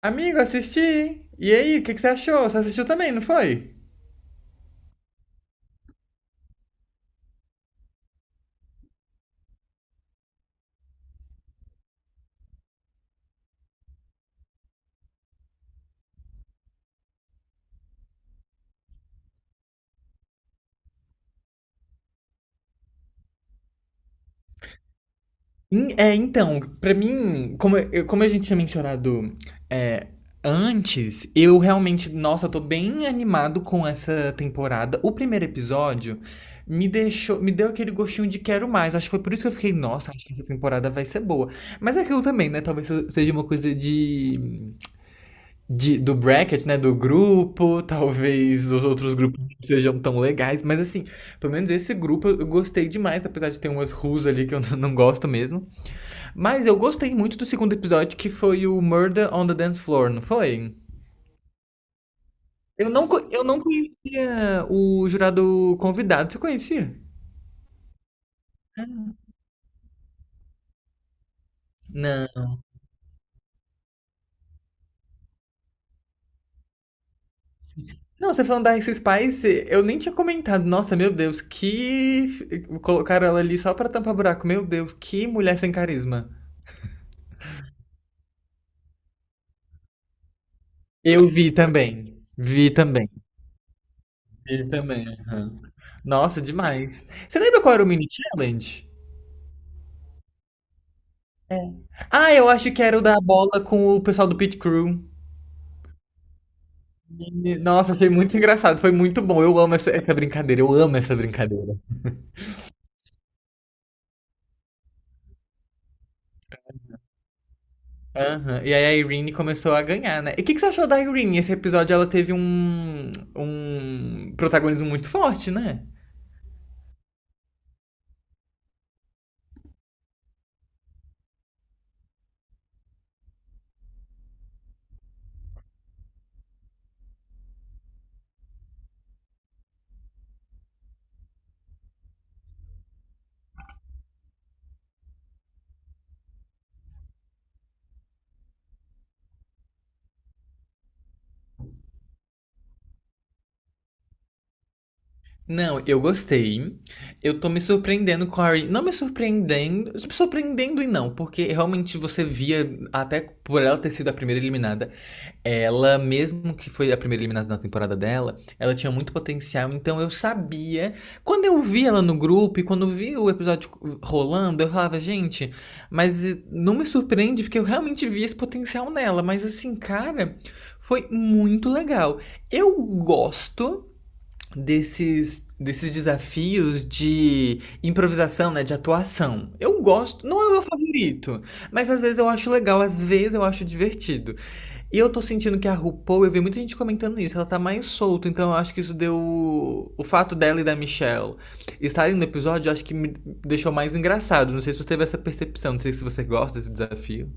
Amigo, assisti. E aí, o que que você achou? Você assistiu também, não foi? Então, pra mim, como, como a gente tinha mencionado é, antes, eu realmente, nossa, eu tô bem animado com essa temporada. O primeiro episódio me deixou, me deu aquele gostinho de quero mais. Acho que foi por isso que eu fiquei, nossa, acho que essa temporada vai ser boa. Mas é aquilo também, né? Talvez seja uma coisa do bracket, né, do grupo, talvez os outros grupos não sejam tão legais, mas assim, pelo menos esse grupo eu gostei demais, apesar de ter umas ruas ali que eu não gosto mesmo. Mas eu gostei muito do segundo episódio, que foi o Murder on the Dance Floor, não foi? Eu não conhecia o jurado convidado, você conhecia? Não. Não, você falando da Ice Spice, eu nem tinha comentado. Nossa, meu Deus, que. Colocaram ela ali só pra tampar buraco. Meu Deus, que mulher sem carisma. Eu vi também. Vi também. Vi também. Aham. Nossa, demais. Você lembra qual era o mini challenge? Ah, eu acho que era o da bola com o pessoal do Pit Crew. E, nossa, achei muito engraçado. Foi muito bom. Eu amo essa, essa brincadeira. Eu amo essa brincadeira. Aham. E aí a Irene começou a ganhar, né? E o que, que você achou da Irene? Esse episódio ela teve um protagonismo muito forte, né? Não, eu gostei. Eu tô me surpreendendo com a Ari. Não me surpreendendo. Me surpreendendo e não, porque realmente você via, até por ela ter sido a primeira eliminada, ela, mesmo que foi a primeira eliminada na temporada dela, ela tinha muito potencial. Então eu sabia. Quando eu vi ela no grupo e quando vi o episódio rolando, eu falava, gente, mas não me surpreende, porque eu realmente vi esse potencial nela. Mas assim, cara, foi muito legal. Eu gosto desses desafios de improvisação, né, de atuação. Eu gosto, não é o meu favorito, mas às vezes eu acho legal, às vezes eu acho divertido. E eu tô sentindo que a RuPaul, eu vi muita gente comentando isso, ela tá mais solta, então eu acho que isso deu o fato dela e da Michelle estarem no episódio, eu acho que me deixou mais engraçado. Não sei se você teve essa percepção, não sei se você gosta desse desafio.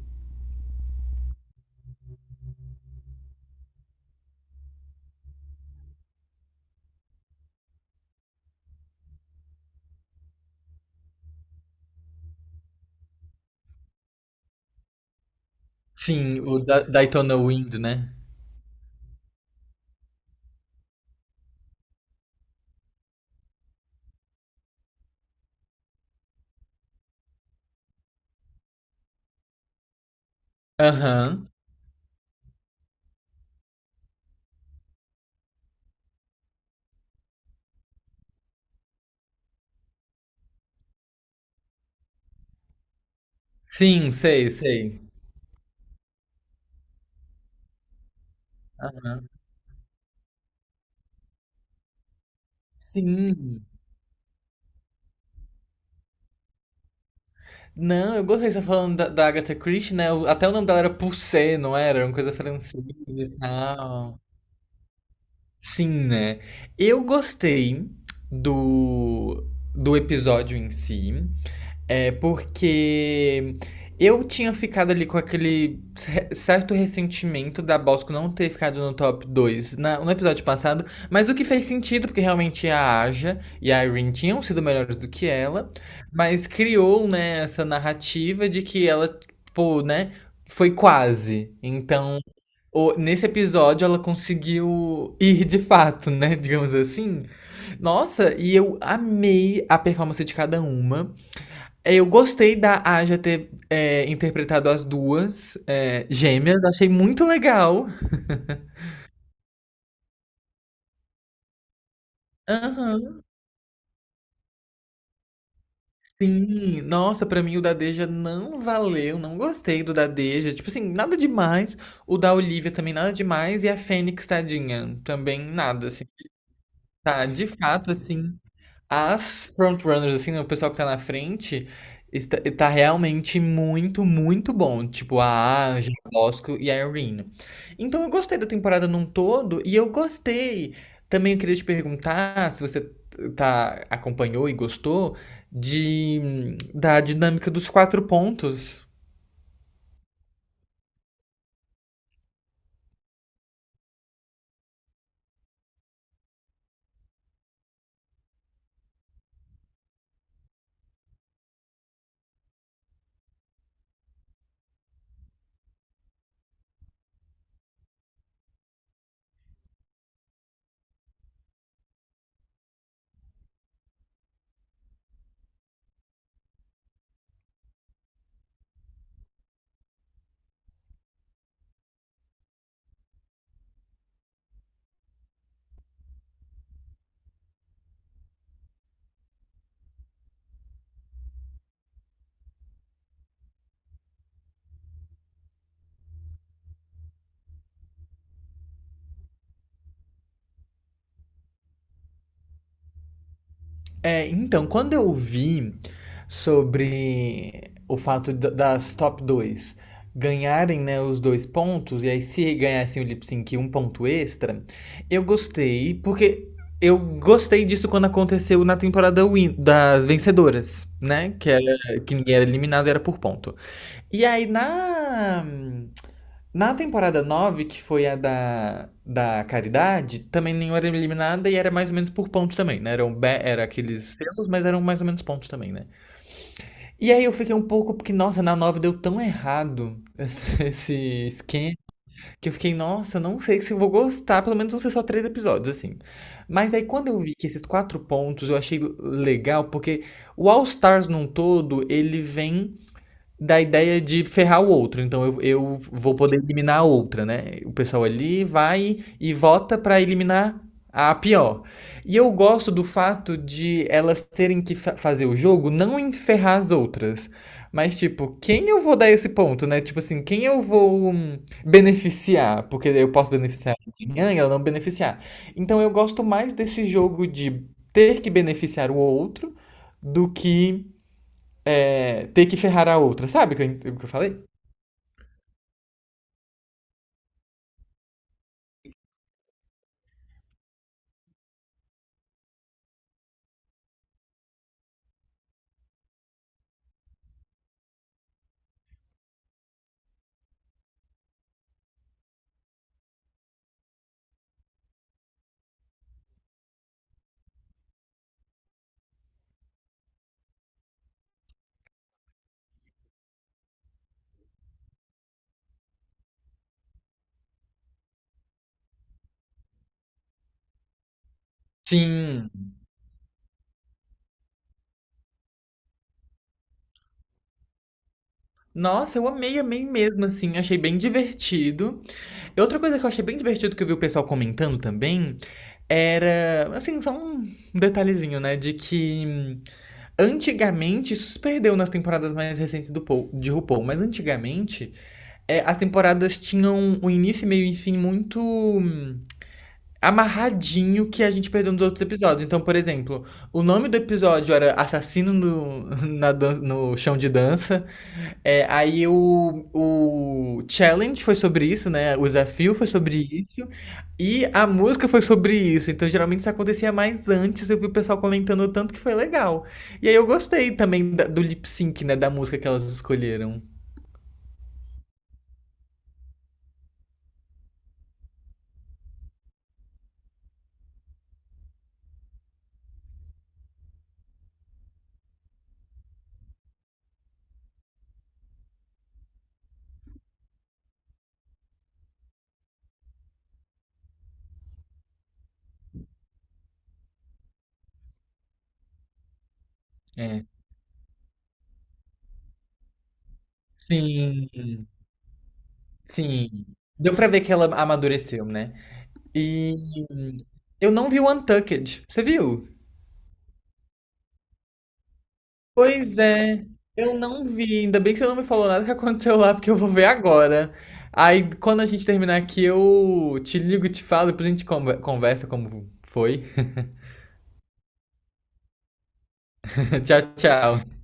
Sim, o da Daytona Wind, né? Aham. Sim, sei, sei. Aham. Sim. Não, eu gostei, você tá falando da Agatha Christie, né? Até o nome dela era Pulsé, não era? Era uma coisa francesa e tal. Sim, né? Eu gostei do, do episódio em si. É porque eu tinha ficado ali com aquele certo ressentimento da Bosco não ter ficado no top 2 no episódio passado, mas o que fez sentido, porque realmente a Aja e a Irene tinham sido melhores do que ela, mas criou, né, essa narrativa de que ela, pô, né, foi quase. Então, nesse episódio ela conseguiu ir de fato, né, digamos assim. Nossa, e eu amei a performance de cada uma. Eu gostei da Aja ter interpretado as duas gêmeas, achei muito legal. Aham, sim. Nossa, pra mim o da Deja não valeu, não gostei do da Deja. Tipo assim, nada demais. O da Olivia também nada demais. E a Fênix, tadinha, também nada, assim. Tá, de fato, assim. As frontrunners, assim, né, o pessoal que tá na frente, está, tá realmente muito, muito bom. Tipo, a Aja, a Bosco e a Irene. Então eu gostei da temporada num todo e eu gostei. Também eu queria te perguntar se você tá, acompanhou e gostou de, da dinâmica dos 4 pontos. É, então, quando eu vi sobre o fato das top 2 ganharem, né, os 2 pontos, e aí se ganhassem o lip sync um ponto extra, eu gostei, porque eu gostei disso quando aconteceu na temporada das vencedoras, né? Que era que ninguém era eliminado, era por ponto. E aí na temporada 9 que foi a da Caridade, também nenhuma era eliminada e era mais ou menos por pontos também, né? Era aqueles selos, mas eram mais ou menos pontos também, né? E aí eu fiquei um pouco, porque, nossa, na 9 deu tão errado esse esse esquema, que eu fiquei, nossa, não sei se eu vou gostar, pelo menos vão ser só 3 episódios, assim. Mas aí quando eu vi que esses 4 pontos eu achei legal, porque o All Stars num todo, ele vem da ideia de ferrar o outro. Então eu vou poder eliminar a outra, né? O pessoal ali vai e vota pra eliminar a pior. E eu gosto do fato de elas terem que fazer o jogo não enferrar as outras. Mas, tipo, quem eu vou dar esse ponto, né? Tipo assim, quem eu vou beneficiar? Porque eu posso beneficiar amanhã e ela não beneficiar. Então eu gosto mais desse jogo de ter que beneficiar o outro do que ter que ferrar a outra, sabe o que eu falei? Sim. Nossa, eu amei, amei mesmo, assim. Achei bem divertido. E outra coisa que eu achei bem divertido que eu vi o pessoal comentando também era, assim, só um detalhezinho, né? De que antigamente, isso se perdeu nas temporadas mais recentes do Paul, de RuPaul, mas antigamente as temporadas tinham um início, meio e fim muito amarradinho que a gente perdeu nos outros episódios. Então, por exemplo, o nome do episódio era Assassino no, no chão de dança. Aí o challenge foi sobre isso, né? O desafio foi sobre isso. E a música foi sobre isso. Então, geralmente isso acontecia mais antes. Eu vi o pessoal comentando o tanto que foi legal. E aí eu gostei também do lip sync, né? Da música que elas escolheram. É. Sim, sim. Deu pra ver que ela amadureceu, né? E eu não vi o Untucked. Você viu? Pois é, eu não vi. Ainda bem que você não me falou nada que aconteceu lá, porque eu vou ver agora. Aí, quando a gente terminar aqui, eu te ligo, e te falo, depois a gente conversa como foi. Tchau, tchau.